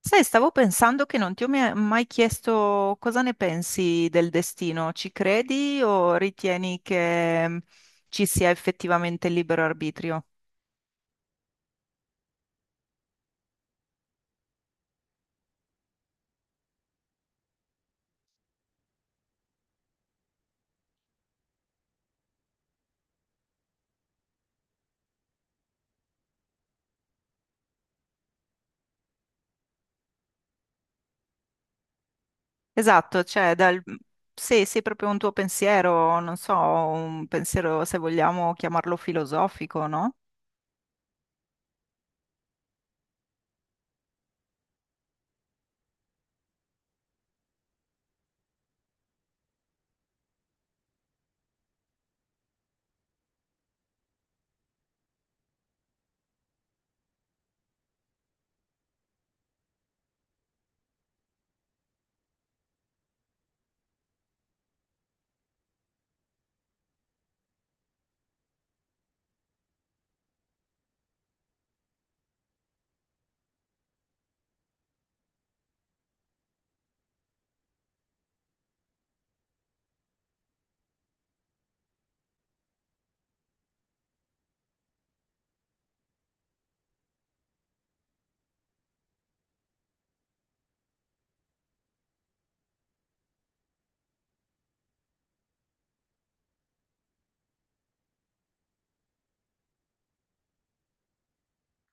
Sai, stavo pensando che non ti ho mai mai chiesto cosa ne pensi del destino. Ci credi o ritieni che ci sia effettivamente il libero arbitrio? Esatto, cioè, se è proprio un tuo pensiero, non so, un pensiero se vogliamo chiamarlo filosofico, no?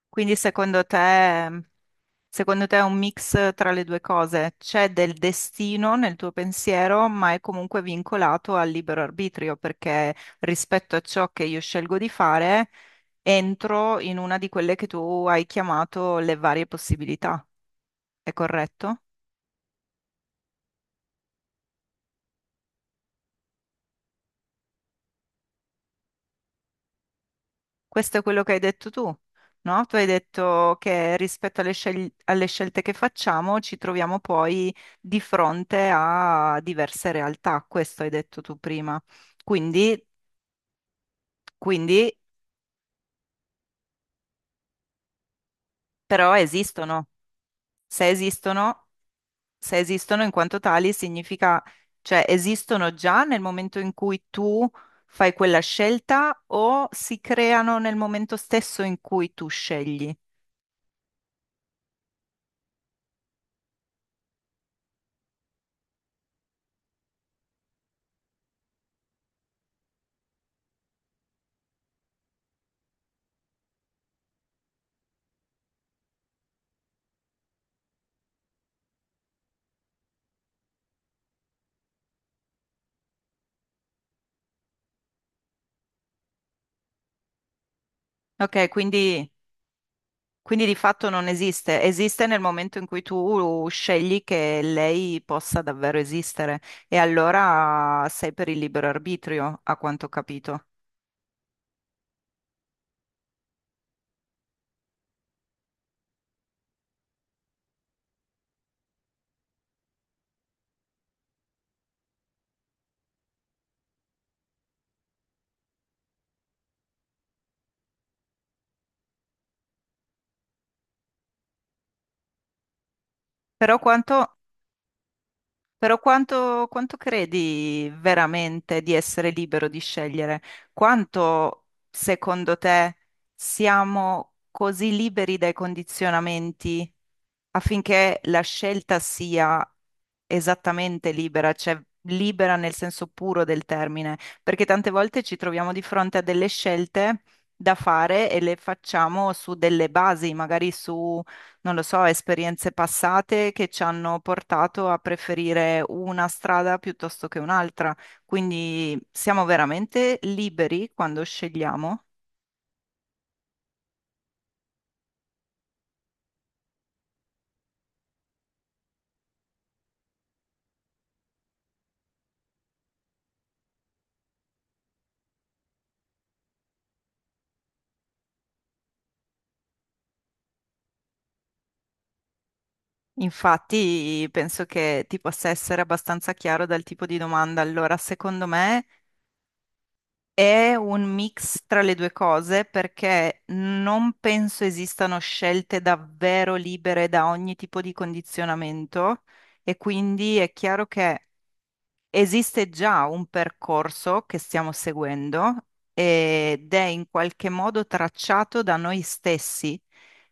Quindi secondo te. Secondo te è un mix tra le due cose? C'è del destino nel tuo pensiero, ma è comunque vincolato al libero arbitrio, perché rispetto a ciò che io scelgo di fare, entro in una di quelle che tu hai chiamato le varie possibilità. È corretto? Questo è quello che hai detto tu, no? Tu hai detto che rispetto alle alle scelte che facciamo, ci troviamo poi di fronte a diverse realtà. Questo hai detto tu prima. Quindi. Quindi Però esistono. Se esistono, se esistono in quanto tali, significa, cioè, esistono già nel momento in cui tu fai quella scelta o si creano nel momento stesso in cui tu scegli. Ok, quindi di fatto non esiste. Esiste nel momento in cui tu scegli che lei possa davvero esistere. E allora sei per il libero arbitrio, a quanto ho capito. Però quanto, Però quanto credi veramente di essere libero di scegliere? Quanto, secondo te, siamo così liberi dai condizionamenti affinché la scelta sia esattamente libera, cioè libera nel senso puro del termine? Perché tante volte ci troviamo di fronte a delle scelte da fare e le facciamo su delle basi, magari su non lo so, esperienze passate che ci hanno portato a preferire una strada piuttosto che un'altra. Quindi siamo veramente liberi quando scegliamo. Infatti, penso che ti possa essere abbastanza chiaro dal tipo di domanda. Allora, secondo me è un mix tra le due cose perché non penso esistano scelte davvero libere da ogni tipo di condizionamento e quindi è chiaro che esiste già un percorso che stiamo seguendo ed è in qualche modo tracciato da noi stessi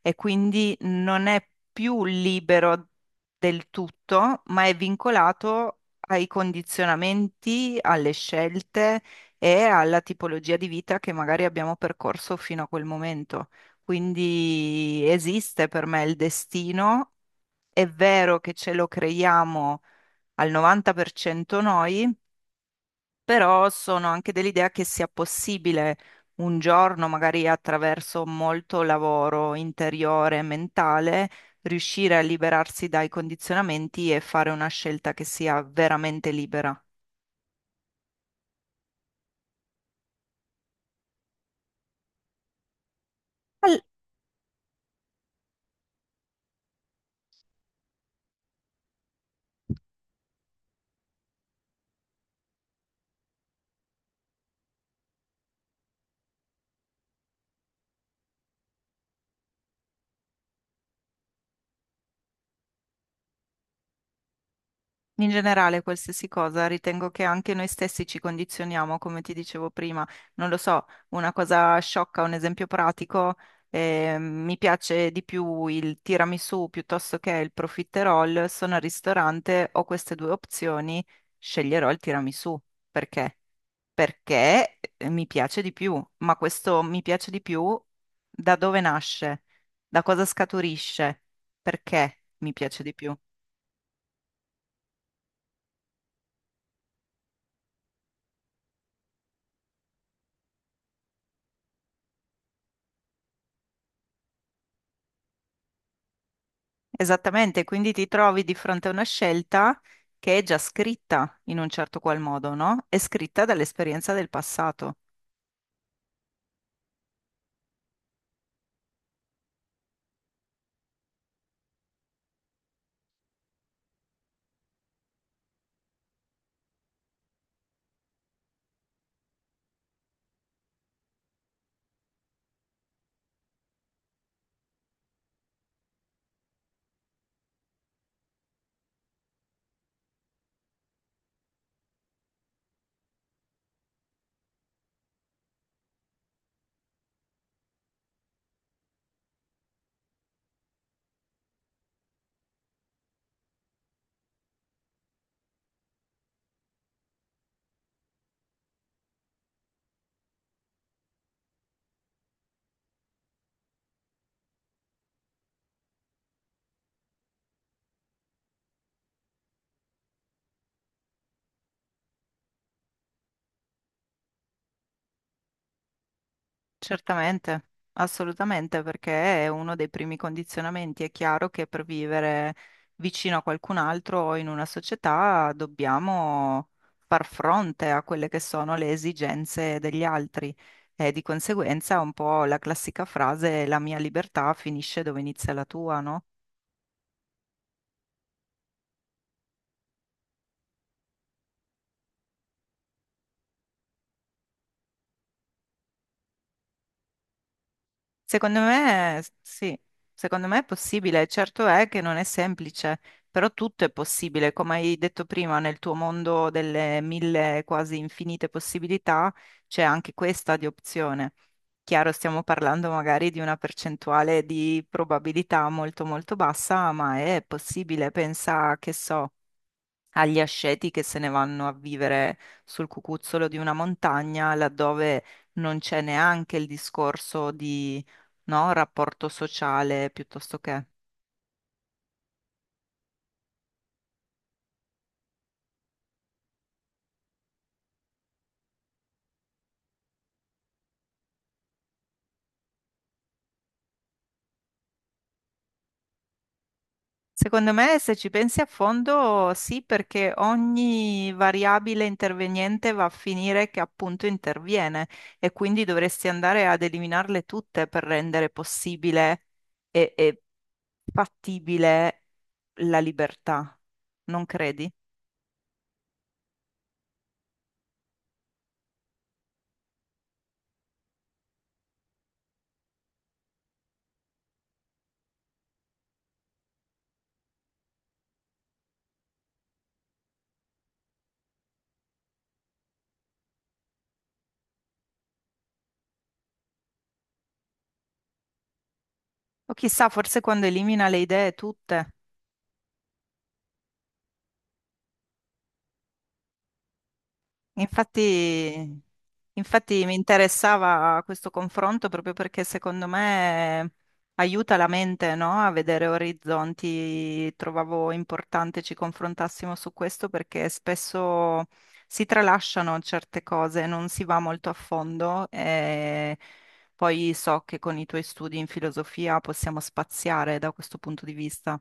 e quindi non è più libero del tutto, ma è vincolato ai condizionamenti, alle scelte e alla tipologia di vita che magari abbiamo percorso fino a quel momento. Quindi esiste per me il destino, è vero che ce lo creiamo al 90% noi, però sono anche dell'idea che sia possibile un giorno, magari attraverso molto lavoro interiore e mentale, riuscire a liberarsi dai condizionamenti e fare una scelta che sia veramente libera. In generale, qualsiasi cosa, ritengo che anche noi stessi ci condizioniamo, come ti dicevo prima. Non lo so, una cosa sciocca, un esempio pratico, mi piace di più il tiramisù piuttosto che il profiterol. Sono al ristorante, ho queste due opzioni, sceglierò il tiramisù. Perché? Perché mi piace di più, ma questo mi piace di più da dove nasce? Da cosa scaturisce? Perché mi piace di più? Esattamente, quindi ti trovi di fronte a una scelta che è già scritta in un certo qual modo, no? È scritta dall'esperienza del passato. Certamente, assolutamente, perché è uno dei primi condizionamenti. È chiaro che per vivere vicino a qualcun altro o in una società dobbiamo far fronte a quelle che sono le esigenze degli altri e di conseguenza un po' la classica frase la mia libertà finisce dove inizia la tua, no? Secondo me, sì, secondo me è possibile. Certo è che non è semplice, però tutto è possibile. Come hai detto prima, nel tuo mondo delle mille quasi infinite possibilità c'è anche questa di opzione. Chiaro, stiamo parlando magari di una percentuale di probabilità molto molto bassa, ma è possibile. Pensa, che so agli asceti che se ne vanno a vivere sul cucuzzolo di una montagna, laddove non c'è neanche il discorso di, no, rapporto sociale piuttosto che. Secondo me, se ci pensi a fondo, sì, perché ogni variabile interveniente va a finire che appunto interviene e quindi dovresti andare ad eliminarle tutte per rendere possibile e fattibile la libertà, non credi? O chissà, forse quando elimina le idee tutte. Infatti, infatti mi interessava questo confronto proprio perché secondo me aiuta la mente, no? A vedere orizzonti. Trovavo importante ci confrontassimo su questo perché spesso si tralasciano certe cose, non si va molto a fondo e poi so che con i tuoi studi in filosofia possiamo spaziare da questo punto di vista.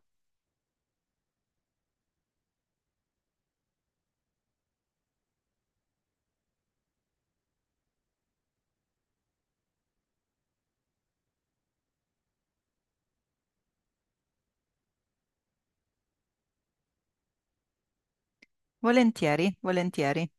Volentieri, volentieri.